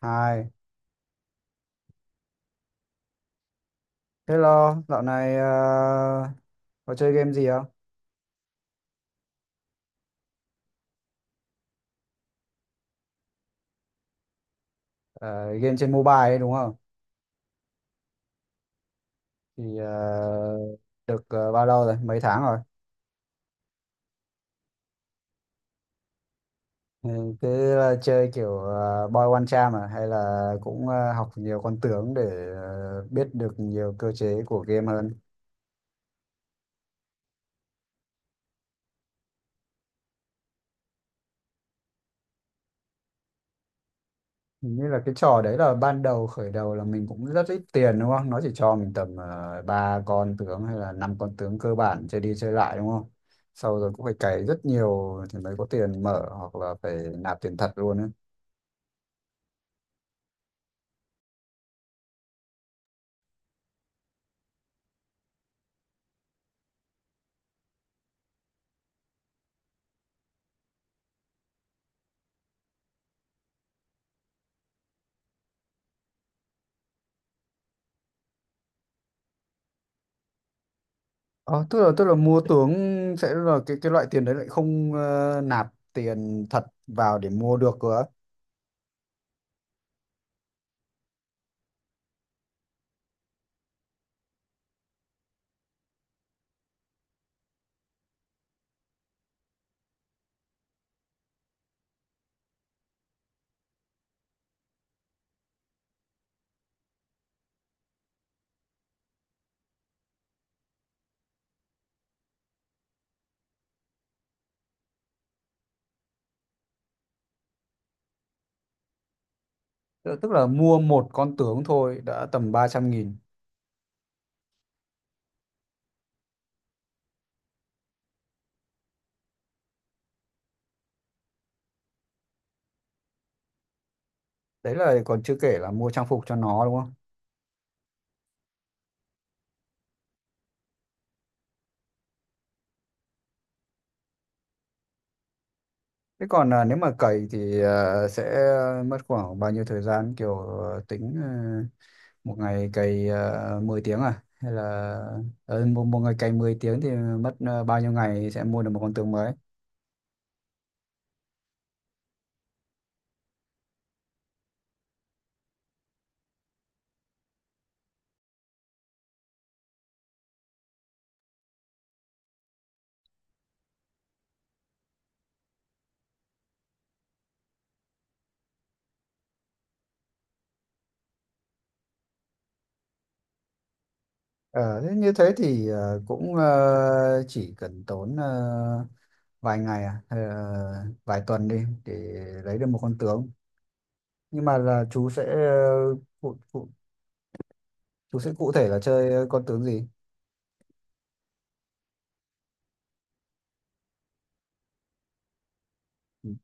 Hai. Thế lo, dạo này ờ, có chơi game gì không? Ờ, game trên mobile ấy đúng không? Thì ờ, được bao lâu rồi? Mấy tháng rồi? Ừ, chơi kiểu boy one charm à? Hay là cũng học nhiều con tướng để biết được nhiều cơ chế của game hơn? Hình như là cái trò đấy là ban đầu khởi đầu là mình cũng rất ít tiền đúng không? Nó chỉ cho mình tầm ba con tướng hay là năm con tướng cơ bản chơi đi chơi lại đúng không? Sau rồi cũng phải cày rất nhiều thì mới có tiền mở hoặc là phải nạp tiền thật luôn ấy. Ờ, tức là mua tướng sẽ là cái loại tiền đấy lại không, nạp tiền thật vào để mua được cơ. Á. Tức tức là mua một con tướng thôi đã tầm 300 nghìn. Đấy là còn chưa kể là mua trang phục cho nó đúng không? Thế còn à, nếu mà cày thì à, sẽ mất khoảng bao nhiêu thời gian, kiểu à, tính à, một ngày cày 10 tiếng à, hay là một ngày cày 10 tiếng thì mất à, bao nhiêu ngày sẽ mua được một con tướng mới. Ờ, thế như thế thì à, cũng à, chỉ cần tốn à, vài ngày à, hay là vài tuần đi để lấy được một con tướng. Nhưng mà là chú sẽ à, cụ, cụ, chú sẽ cụ thể là chơi con tướng gì?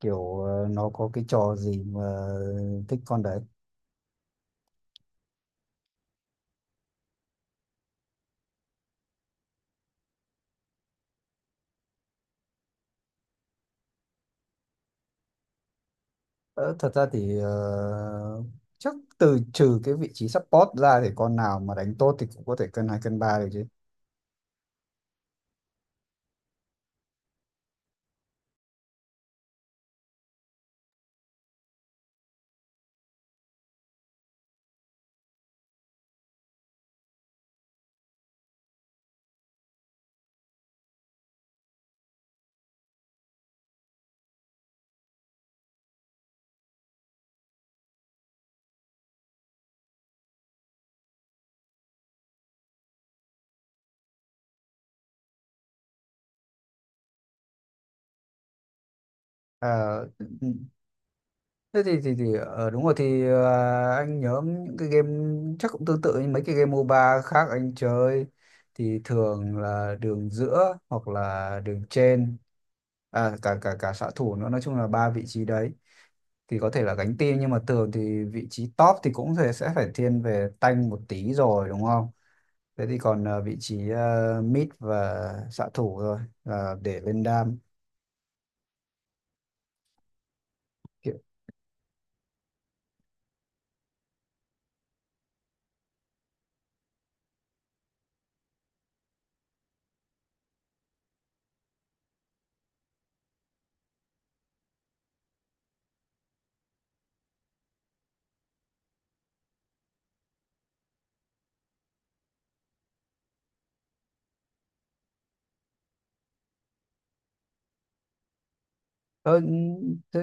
Kiểu nó có cái trò gì mà thích con đấy? Ờ, thật ra thì chắc trừ cái vị trí support ra thì con nào mà đánh tốt thì cũng có thể cân hai cân ba được chứ. Ờ, ừ, thế thì đúng rồi thì anh nhớ những cái game chắc cũng tương tự như mấy cái game MOBA khác anh chơi thì thường là đường giữa hoặc là đường trên, à, cả cả cả xạ thủ nữa, nói chung là ba vị trí đấy thì có thể là gánh team, nhưng mà thường thì vị trí top thì cũng sẽ phải thiên về tanh một tí rồi đúng không? Thế thì còn vị trí mid và xạ thủ rồi là để lên đam kiểu. ờ, thế,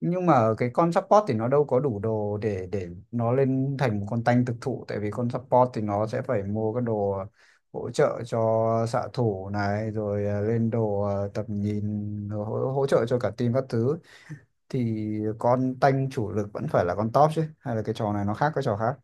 nhưng mà cái con support thì nó đâu có đủ đồ để nó lên thành một con tanh thực thụ, tại vì con support thì nó sẽ phải mua cái đồ hỗ trợ cho xạ thủ này rồi lên đồ tầm nhìn rồi hỗ trợ cho cả team các thứ, thì con tanh chủ lực vẫn phải là con top chứ, hay là cái trò này nó khác cái trò khác?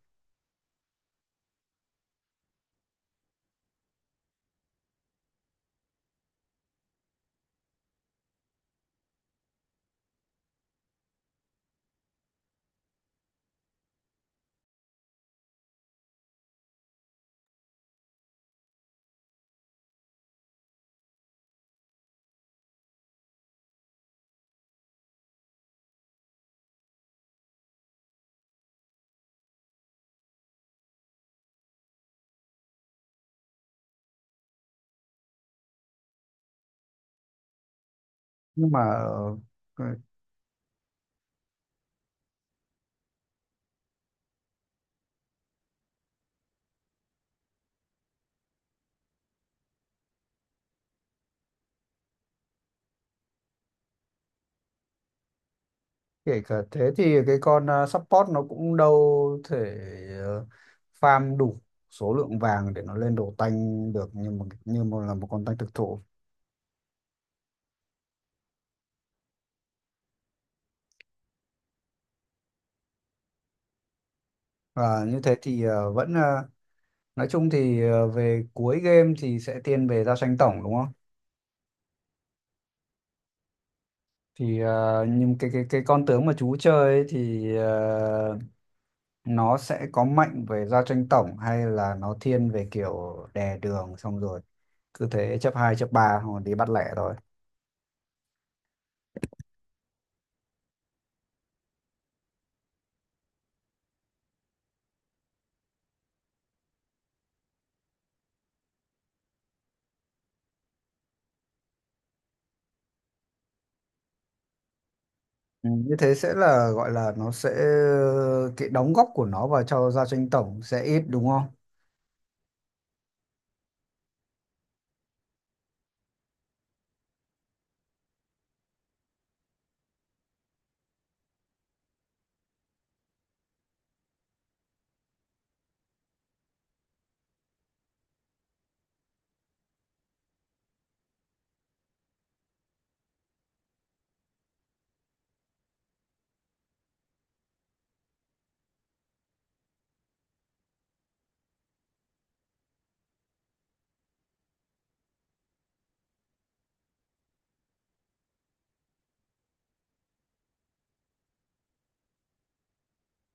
Nhưng mà ờ, ờ, kể cả thế thì cái con support nó cũng đâu thể ờ, farm đủ số lượng vàng để nó lên đồ tanh được như một là một con tanh thực thụ. Và như thế thì nói chung thì về cuối game thì sẽ thiên về giao tranh tổng đúng không? Thì nhưng cái con tướng mà chú chơi ấy thì nó sẽ có mạnh về gia tranh tổng hay là nó thiên về kiểu đè đường xong rồi cứ thế chấp hai chấp ba hoặc đi bắt lẻ thôi? Ừ, như thế sẽ là gọi là nó sẽ cái đóng góp của nó vào cho gia tranh tổng sẽ ít đúng không?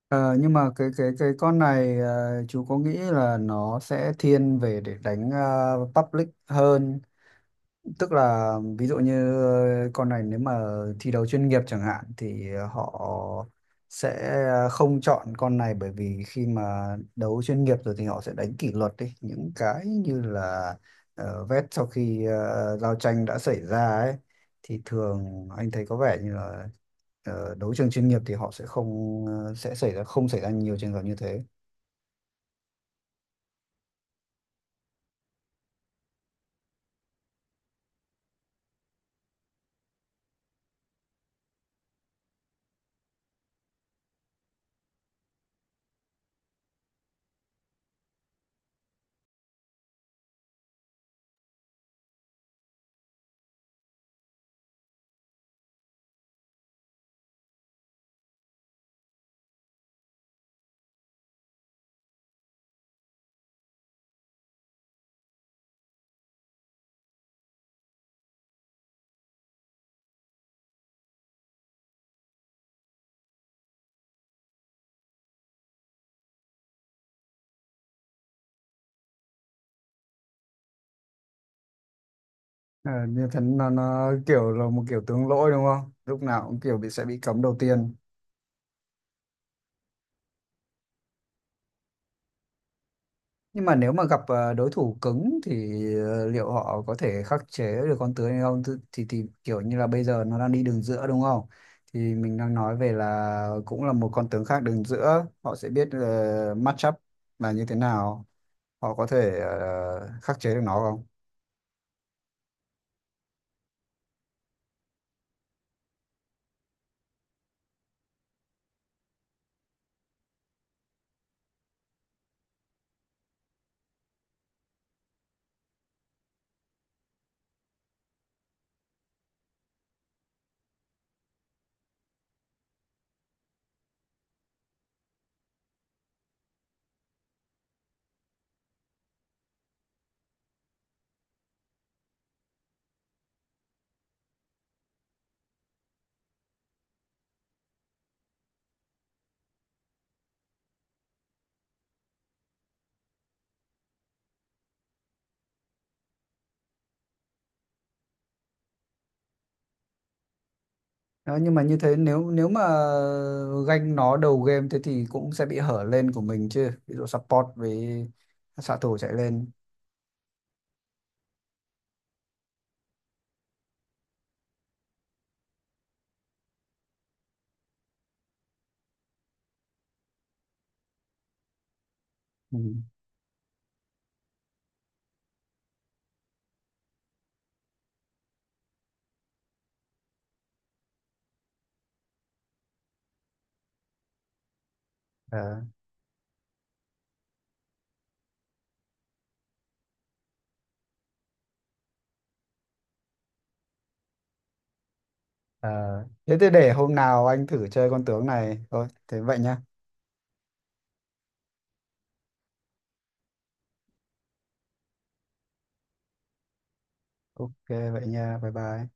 Ờ, nhưng mà cái con này chú có nghĩ là nó sẽ thiên về để đánh public hơn? Tức là ví dụ như con này nếu mà thi đấu chuyên nghiệp chẳng hạn thì họ sẽ không chọn con này, bởi vì khi mà đấu chuyên nghiệp rồi thì họ sẽ đánh kỷ luật đi những cái như là vét sau khi giao tranh đã xảy ra ấy, thì thường anh thấy có vẻ như là đấu trường chuyên nghiệp thì họ sẽ không, sẽ xảy ra không xảy ra nhiều trường hợp như thế. Ờ, như thế nó kiểu là một kiểu tướng lỗi đúng không? Lúc nào cũng kiểu sẽ bị cấm đầu tiên. Nhưng mà nếu mà gặp đối thủ cứng thì liệu họ có thể khắc chế được con tướng hay không? Thì kiểu như là bây giờ nó đang đi đường giữa đúng không? Thì mình đang nói về là cũng là một con tướng khác đường giữa, họ sẽ biết match up là như thế nào, họ có thể khắc chế được nó không? Đó, nhưng mà như thế nếu nếu mà ganh nó đầu game thế thì cũng sẽ bị hở lên của mình chứ. Ví dụ support với xạ thủ chạy lên. Ừ. À, thế thì để hôm nào anh thử chơi con tướng này thôi. Thế vậy nhá. Ok vậy nha. Bye bye.